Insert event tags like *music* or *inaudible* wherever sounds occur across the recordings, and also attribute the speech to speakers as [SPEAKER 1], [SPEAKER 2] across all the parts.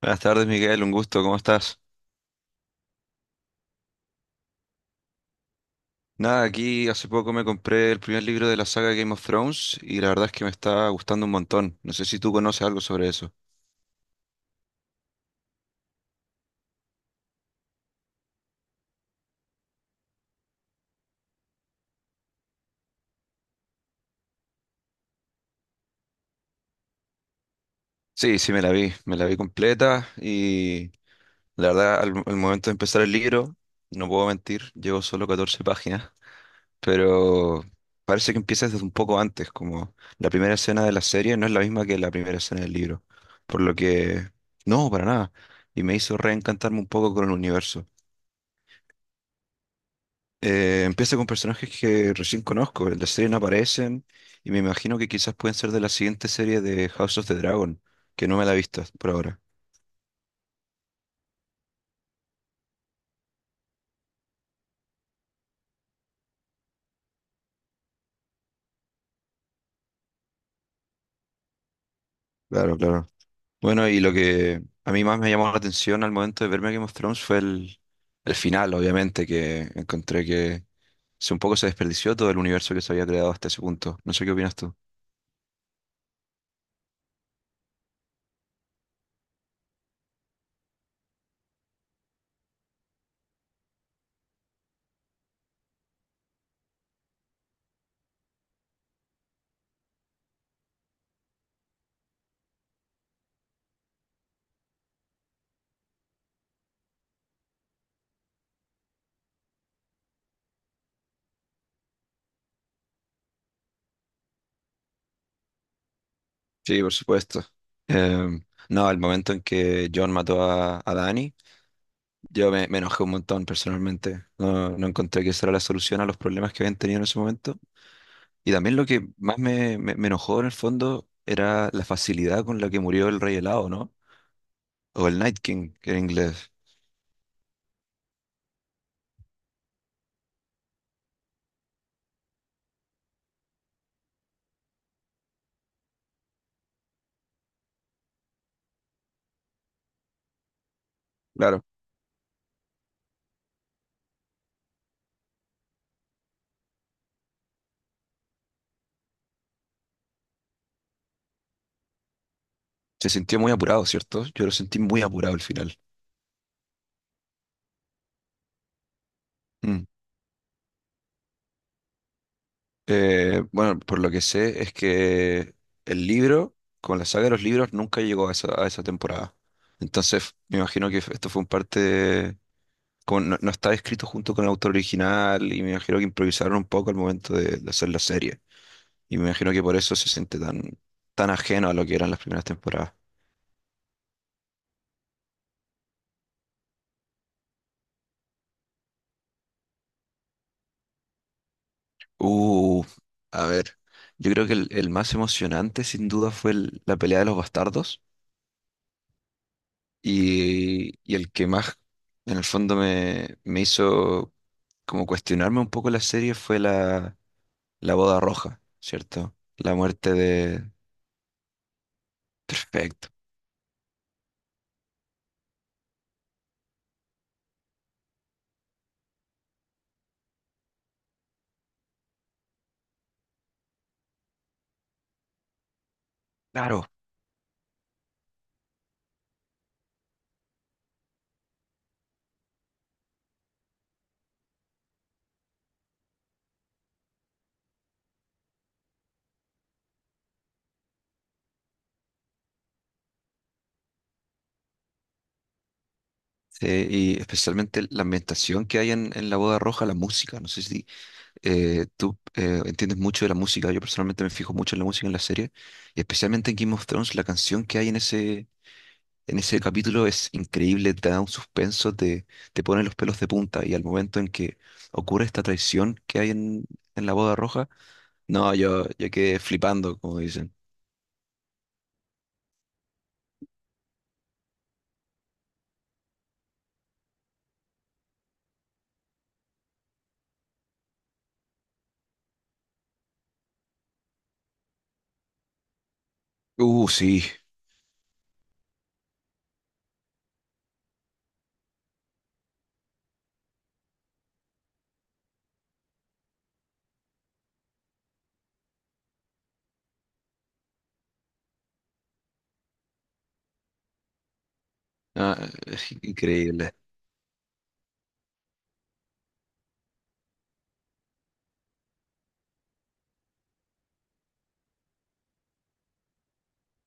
[SPEAKER 1] Buenas tardes, Miguel, un gusto, ¿cómo estás? Nada, aquí hace poco me compré el primer libro de la saga Game of Thrones y la verdad es que me está gustando un montón. No sé si tú conoces algo sobre eso. Sí, sí, me la vi completa y la verdad al momento de empezar el libro, no puedo mentir, llevo solo 14 páginas, pero parece que empieza desde un poco antes, como la primera escena de la serie no es la misma que la primera escena del libro, por lo que no, para nada, y me hizo reencantarme un poco con el universo. Empieza con personajes que recién conozco, en la serie no aparecen y me imagino que quizás pueden ser de la siguiente serie de House of the Dragon, que no me la he visto por ahora. Claro, claro. Bueno, y lo que a mí más me llamó la atención al momento de verme Game of Thrones fue el final, obviamente, que encontré que se un poco se desperdició todo el universo que se había creado hasta ese punto. No sé qué opinas tú. Sí, por supuesto. No, el momento en que John mató a Dany. Me enojé un montón personalmente. No, no encontré que esa era la solución a los problemas que habían tenido en ese momento. Y también lo que más me enojó en el fondo era la facilidad con la que murió el Rey Helado, ¿no? O el Night King, que en inglés. Claro. Se sintió muy apurado, ¿cierto? Yo lo sentí muy apurado al final. Mm. Bueno, por lo que sé es que el libro, con la saga de los libros, nunca llegó a a esa temporada. Entonces, me imagino que esto fue un parte como no, no estaba escrito junto con el autor original y me imagino que improvisaron un poco al momento de hacer la serie. Y me imagino que por eso se siente tan, tan ajeno a lo que eran las primeras temporadas. Uh, a ver, yo creo que el más emocionante sin duda fue la pelea de los bastardos, y el que más en el fondo me hizo como cuestionarme un poco la serie fue la boda roja, ¿cierto? La muerte de... Perfecto. Claro. Sí, y especialmente la ambientación que hay en la boda roja, la música. No sé si tú entiendes mucho de la música. Yo personalmente me fijo mucho en la música en la serie. Y especialmente en Game of Thrones, la canción que hay en en ese capítulo es increíble, te da un suspenso, te pone los pelos de punta. Y al momento en que ocurre esta traición que hay en la boda roja, no, yo quedé flipando, como dicen. Sí. Ah, es increíble.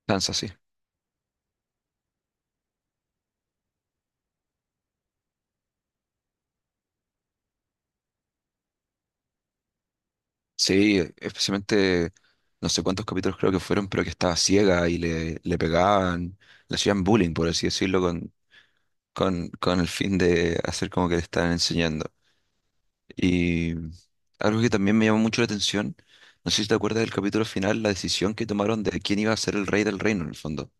[SPEAKER 1] Sansa, sí. Sí, especialmente no sé cuántos capítulos creo que fueron, pero que estaba ciega y le pegaban, le hacían bullying, por así decirlo, con el fin de hacer como que le estaban enseñando. Y algo que también me llamó mucho la atención, no sé si te acuerdas del capítulo final, la decisión que tomaron de quién iba a ser el rey del reino, en el fondo,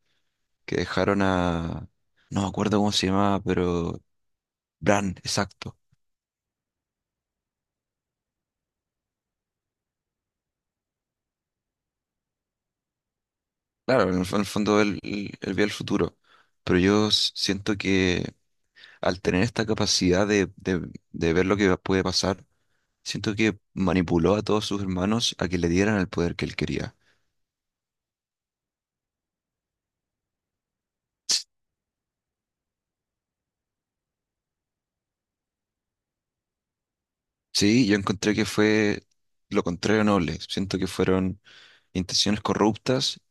[SPEAKER 1] que dejaron a... No me acuerdo cómo se llamaba, pero... Bran, exacto. Claro, en en el fondo él veía el futuro, pero yo siento que al tener esta capacidad de ver lo que puede pasar, siento que manipuló a todos sus hermanos a que le dieran el poder que él quería. Sí, yo encontré que fue lo contrario noble. Siento que fueron intenciones corruptas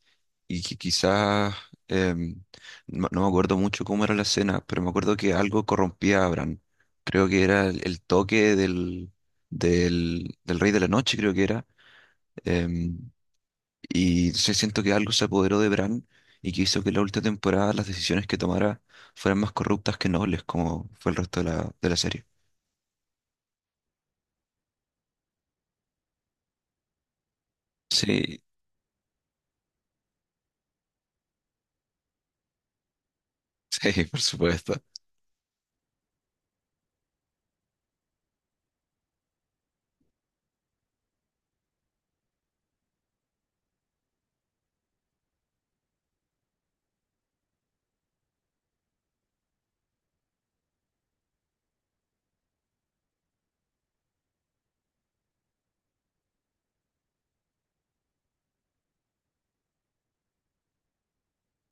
[SPEAKER 1] y que quizás, em, no, no me acuerdo mucho cómo era la escena, pero me acuerdo que algo corrompía a Bran. Creo que era el toque del Rey de la Noche, creo que era. em, Y se siento que algo se apoderó de Bran y que hizo que la última temporada las decisiones que tomara fueran más corruptas que nobles, como fue el resto de de la serie. Sí, sí, *laughs* por supuesto.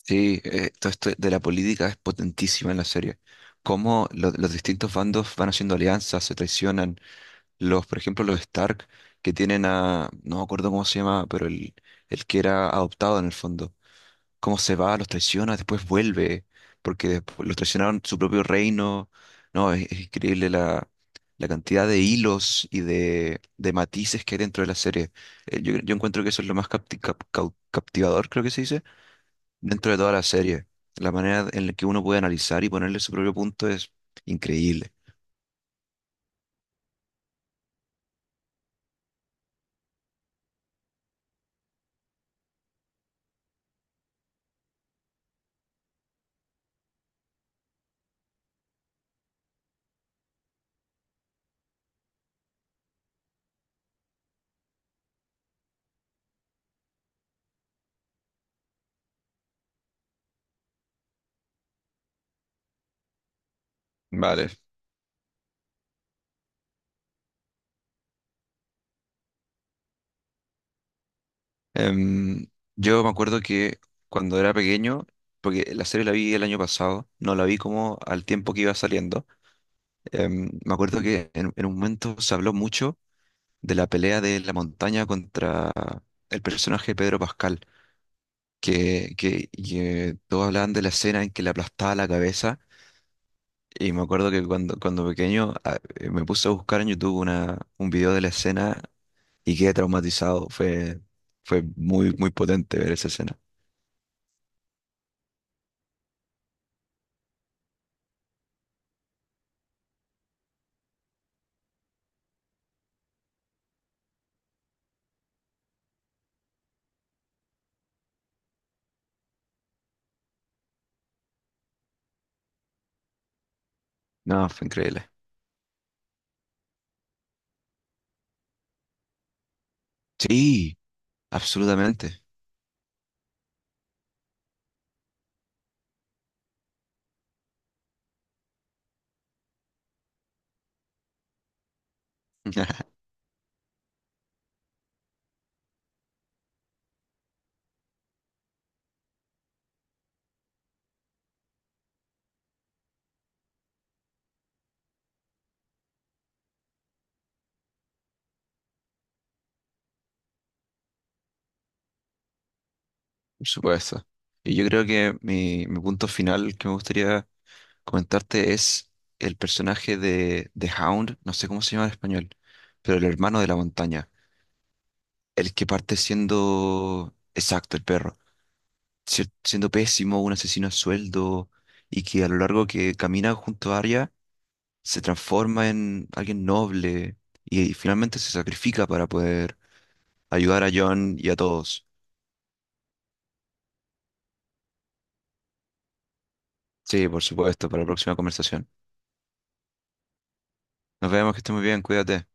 [SPEAKER 1] Sí, todo esto de la política es potentísima en la serie. Cómo los distintos bandos van haciendo alianzas, se traicionan. Los, por ejemplo, los Stark, que tienen a, no me acuerdo cómo se llama, pero el que era adoptado en el fondo. Cómo se va, los traiciona, después vuelve, porque después los traicionaron su propio reino. No, es increíble la, la cantidad de hilos y de matices que hay dentro de la serie. Yo encuentro que eso es lo más captivador, creo que se dice, dentro de toda la serie. La manera en la que uno puede analizar y ponerle su propio punto es increíble. Vale. Em, yo me acuerdo que cuando era pequeño, porque la serie la vi el año pasado, no la vi como al tiempo que iba saliendo. Me acuerdo que en un momento se habló mucho de la pelea de la montaña contra el personaje de Pedro Pascal, que todos hablaban de la escena en que le aplastaba la cabeza. Y me acuerdo que cuando pequeño me puse a buscar en YouTube un video de la escena y quedé traumatizado. Fue muy, muy potente ver esa escena. No, fue increíble. Sí, absolutamente. *laughs* Por supuesto. Y yo creo que mi punto final que me gustaría comentarte es el personaje de Hound, no sé cómo se llama en español, pero el hermano de la montaña, el que parte siendo, exacto, el perro, siendo pésimo, un asesino a sueldo, y que a lo largo que camina junto a Arya se transforma en alguien noble y finalmente se sacrifica para poder ayudar a Jon y a todos. Sí, por supuesto, para la próxima conversación. Nos vemos, que estés muy bien, cuídate.